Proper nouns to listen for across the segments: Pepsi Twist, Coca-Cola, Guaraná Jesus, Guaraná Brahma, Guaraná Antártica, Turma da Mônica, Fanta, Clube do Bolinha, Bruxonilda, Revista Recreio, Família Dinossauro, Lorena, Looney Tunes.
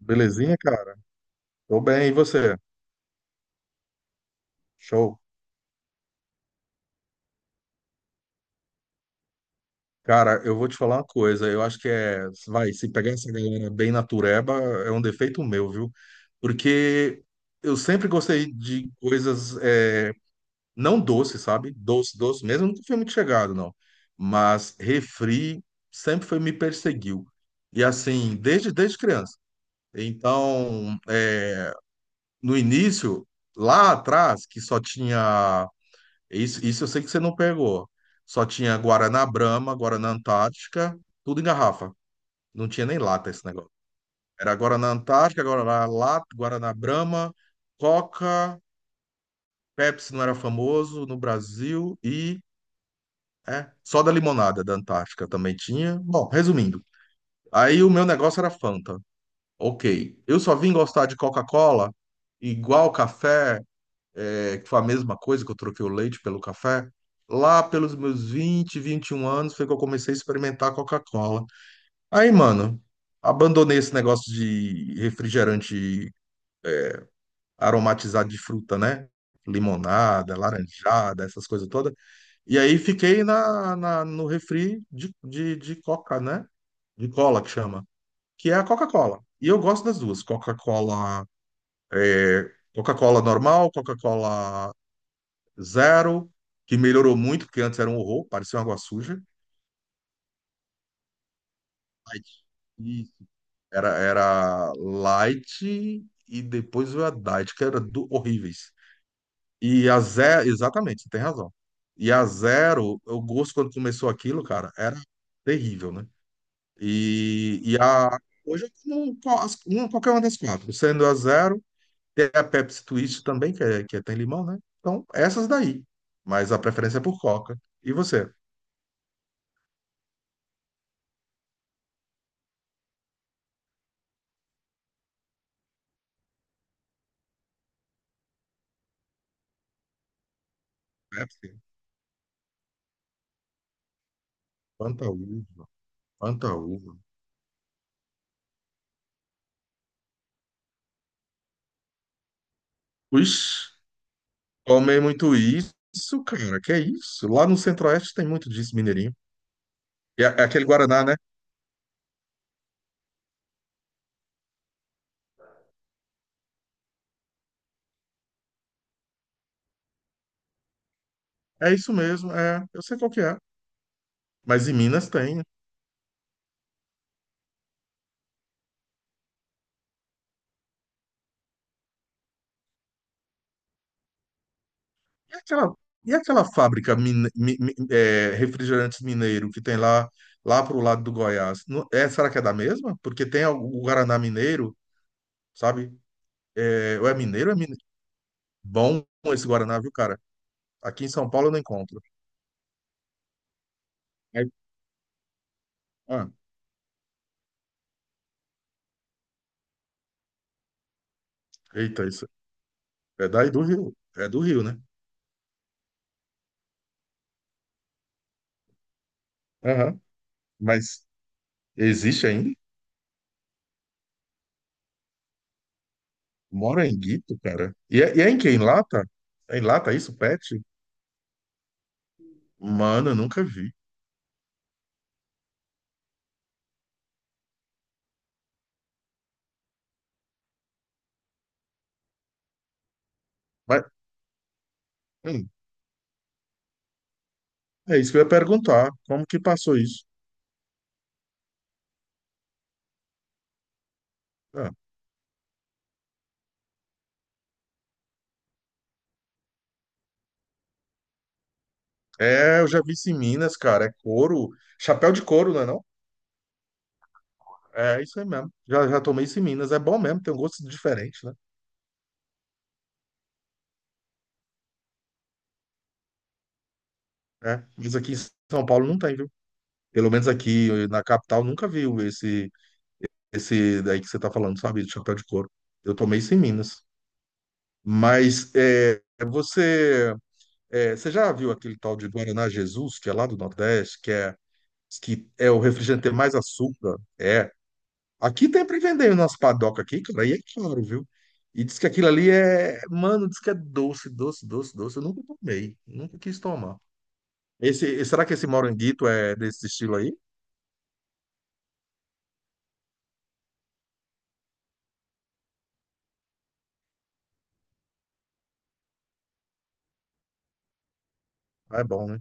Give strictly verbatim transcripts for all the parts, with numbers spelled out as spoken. Belezinha, cara? Tô bem, e você? Show. Cara, eu vou te falar uma coisa. Eu acho que é. Vai, se pegar essa galera bem natureba, é um defeito meu, viu? Porque eu sempre gostei de coisas é, não doces, sabe? Doce, doce mesmo. Eu nunca fui muito chegado, não. Mas refri sempre foi, me perseguiu. E assim, desde, desde criança. Então, é, no início, lá atrás, que só tinha. Isso, isso eu sei que você não pegou. Só tinha Guaraná Brahma, Guaraná Antártica, tudo em garrafa. Não tinha nem lata esse negócio. Era Guaraná Antártica, Guaraná Lata, Guaraná Brahma, Coca, Pepsi não era famoso no Brasil e é, só da limonada da Antártica também tinha. Bom, resumindo, aí o meu negócio era Fanta. Ok. Eu só vim gostar de Coca-Cola igual café é, que foi a mesma coisa que eu troquei o leite pelo café. Lá pelos meus vinte vinte e um anos foi que eu comecei a experimentar a Coca-Cola. Aí, mano, abandonei esse negócio de refrigerante aromatizado de fruta, né? Limonada, laranjada, essas coisas todas. E aí fiquei na, na- no refri de, de, de Coca, né? De cola que chama, que é a Coca-Cola. E eu gosto das duas, Coca-Cola, é, Coca-Cola normal, Coca-Cola Zero, que melhorou muito, porque antes era um horror, parecia uma água suja. Light. Isso. Era, era Light e depois veio a Diet, que era do, horríveis. E a Zero, exatamente, você tem razão. E a Zero, o gosto quando começou aquilo, cara, era terrível, né? E, e a, Hoje eu como qual- as- uma- qualquer uma das quatro, sendo a Zero, tem a Pepsi Twist também, que, é, que é- tem limão, né? Então, essas daí. Mas a preferência é por Coca. E você? Pepsi? Quanta uva, quanta uva. Ixi, tomei muito isso, cara. Que é isso? Lá no Centro-Oeste tem muito disso, mineirinho. é, é aquele Guaraná, né? É isso mesmo, é. Eu sei qual que é. Mas em Minas tem. E aquela, e aquela fábrica mine, mi- mi- é, refrigerantes mineiro que tem lá, lá pro lado do Goiás? Não- é, será que é da mesma? Porque tem o, o Guaraná mineiro, sabe? É, ou é mineiro, ou é mineiro. Bom esse Guaraná, viu, cara? Aqui em São Paulo eu não encontro. Aí- ah, eita, isso. É daí do Rio. É do Rio, né? Aham. Mas existe ainda? Mora em Guito, cara. E é, e é em quem? Lata? É em Lata isso, Pet? Mano, eu nunca vi. Mas, hum, é isso que eu ia perguntar. Como que passou isso? Ah, é, eu já vi isso em Minas, cara. É couro. Chapéu de couro, não é não? É isso aí mesmo. Já, já tomei isso em Minas. É bom mesmo, tem um gosto diferente, né? É. Mas aqui em São Paulo não tem, viu? Pelo menos aqui na capital nunca viu esse, esse daí que você tá falando, sabe? De chapéu de couro. Eu tomei isso em Minas. Mas é, você, é, você já viu aquele tal de Guaraná Jesus, que é lá do Nordeste, que é, que é o refrigerante tem mais açúcar? É. Aqui tem pra vender nas padocas aqui, cara, e é caro, viu? E diz que aquilo ali é. Mano, diz que é doce, doce, doce, doce. Eu nunca tomei, nunca quis tomar. Esse, será que esse moranguito é desse estilo aí? Ah, é bom, né?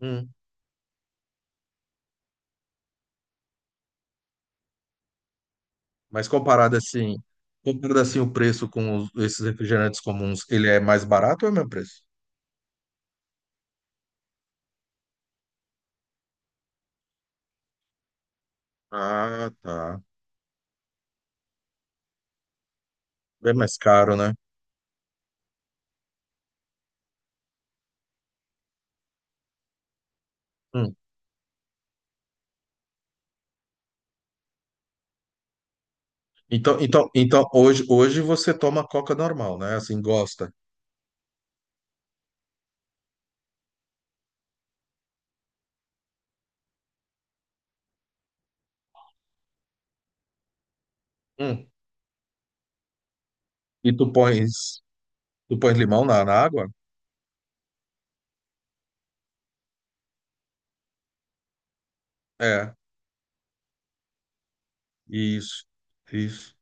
Hum. Mas comparado assim, comparado assim o preço com os- esses refrigerantes comuns, ele é mais barato ou é o mesmo preço? Ah, tá. Bem mais caro, né? Hum. Então, então, então hoje, hoje você toma Coca normal, né? Assim, gosta. Hum. E tu pões, tu pões limão na, na água? É, isso, isso.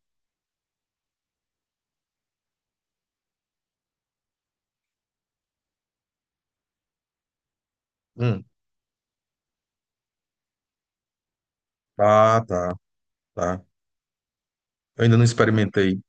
Hum. Ah, tá, tá. Eu ainda não experimentei.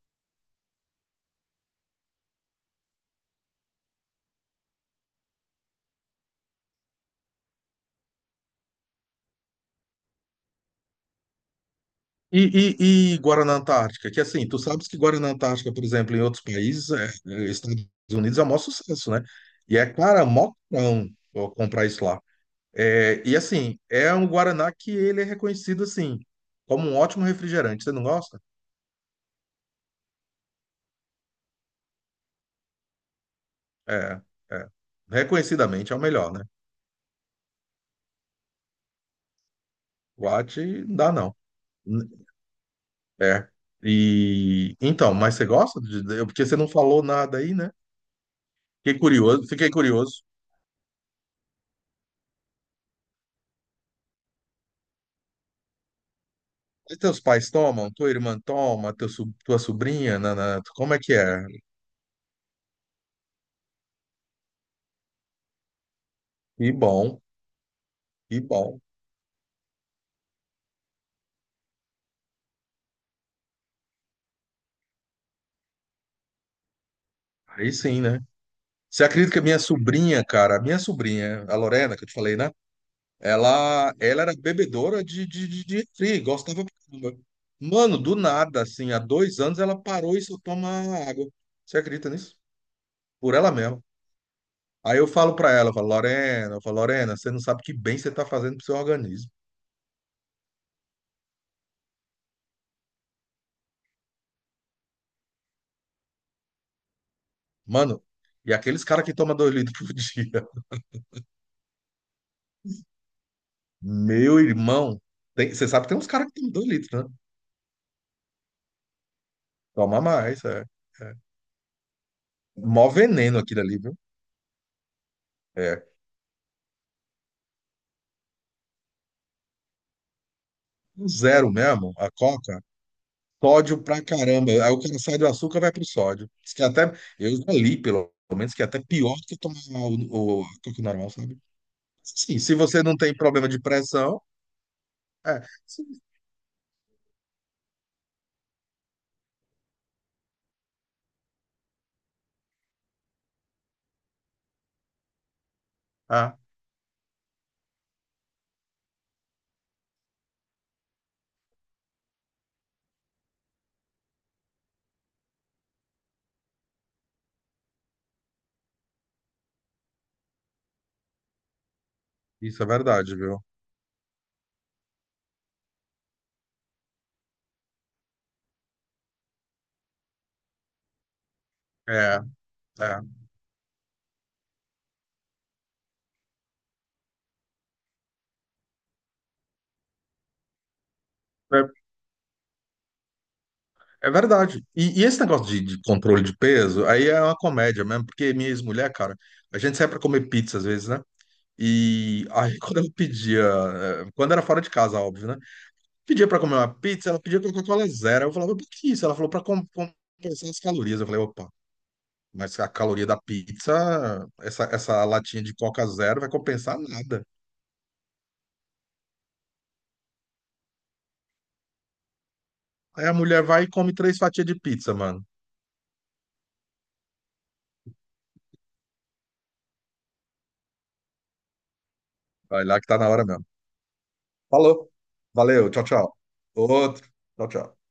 E, e, e Guaraná Antártica, que assim, tu sabes que Guaraná Antártica, por exemplo, em outros países, é, é, Estados Unidos é o maior sucesso, né? E é, cara, mó cão ó, comprar isso lá. É, e assim, é um Guaraná que ele é reconhecido, assim, como um ótimo refrigerante. Você não gosta? É, é. Reconhecidamente é o melhor, né? Guate, não dá não. N- É. E então, mas você gosta? de- de- Porque você não falou nada aí, né? Fiquei curioso, fiquei curioso. Mas teus pais tomam? Tua irmã toma? Teu, so- tua sobrinha? Na na como é que é? E bom, e bom. Aí sim, né? Você acredita que a minha sobrinha, cara, a minha sobrinha, a Lorena, que eu te falei, né? Ela, ela era bebedora de, de, de, de refri, gostava pra caramba. Mano, do nada, assim, há dois anos ela parou e só toma água. Você acredita nisso? Por ela mesma. Aí eu falo pra ela, eu falo, Lorena, eu falo, Lorena, você não sabe que bem você tá fazendo pro seu organismo. Mano, e aqueles caras que tomam dois litros por dia. Meu irmão, tem- você sabe que tem uns caras que tem dois litros, né? Toma mais, é. É. Mó veneno aquilo ali, viu? É. O Zero mesmo, a Coca, sódio pra caramba. Aí o cara sai do açúcar, vai pro sódio. Diz que até, eu já li, pelo menos, que é até pior do que tomar o, o, a Coca normal, sabe? Sim, se você não tem problema de pressão, é. Sim. Ah, isso é verdade, viu? É, é. É verdade. E, e esse negócio de, de controle de peso, aí é uma comédia mesmo, porque minha ex-mulher, cara, a gente sai pra comer pizza às vezes, né? E aí quando eu pedia, eh, quando era fora de casa, óbvio, né? Pedia pra comer uma pizza, ela pedia Coca-Cola zero. Eu falava, por que isso? Ela falou pra com- compensar as calorias. Eu falei, opa, mas a caloria da pizza, essa, essa latinha de Coca zero vai compensar nada. Aí a mulher vai e come três fatias de pizza, mano. Vai lá que tá na hora mesmo. Falou. Valeu, tchau, tchau. Outro. Tchau, tchau.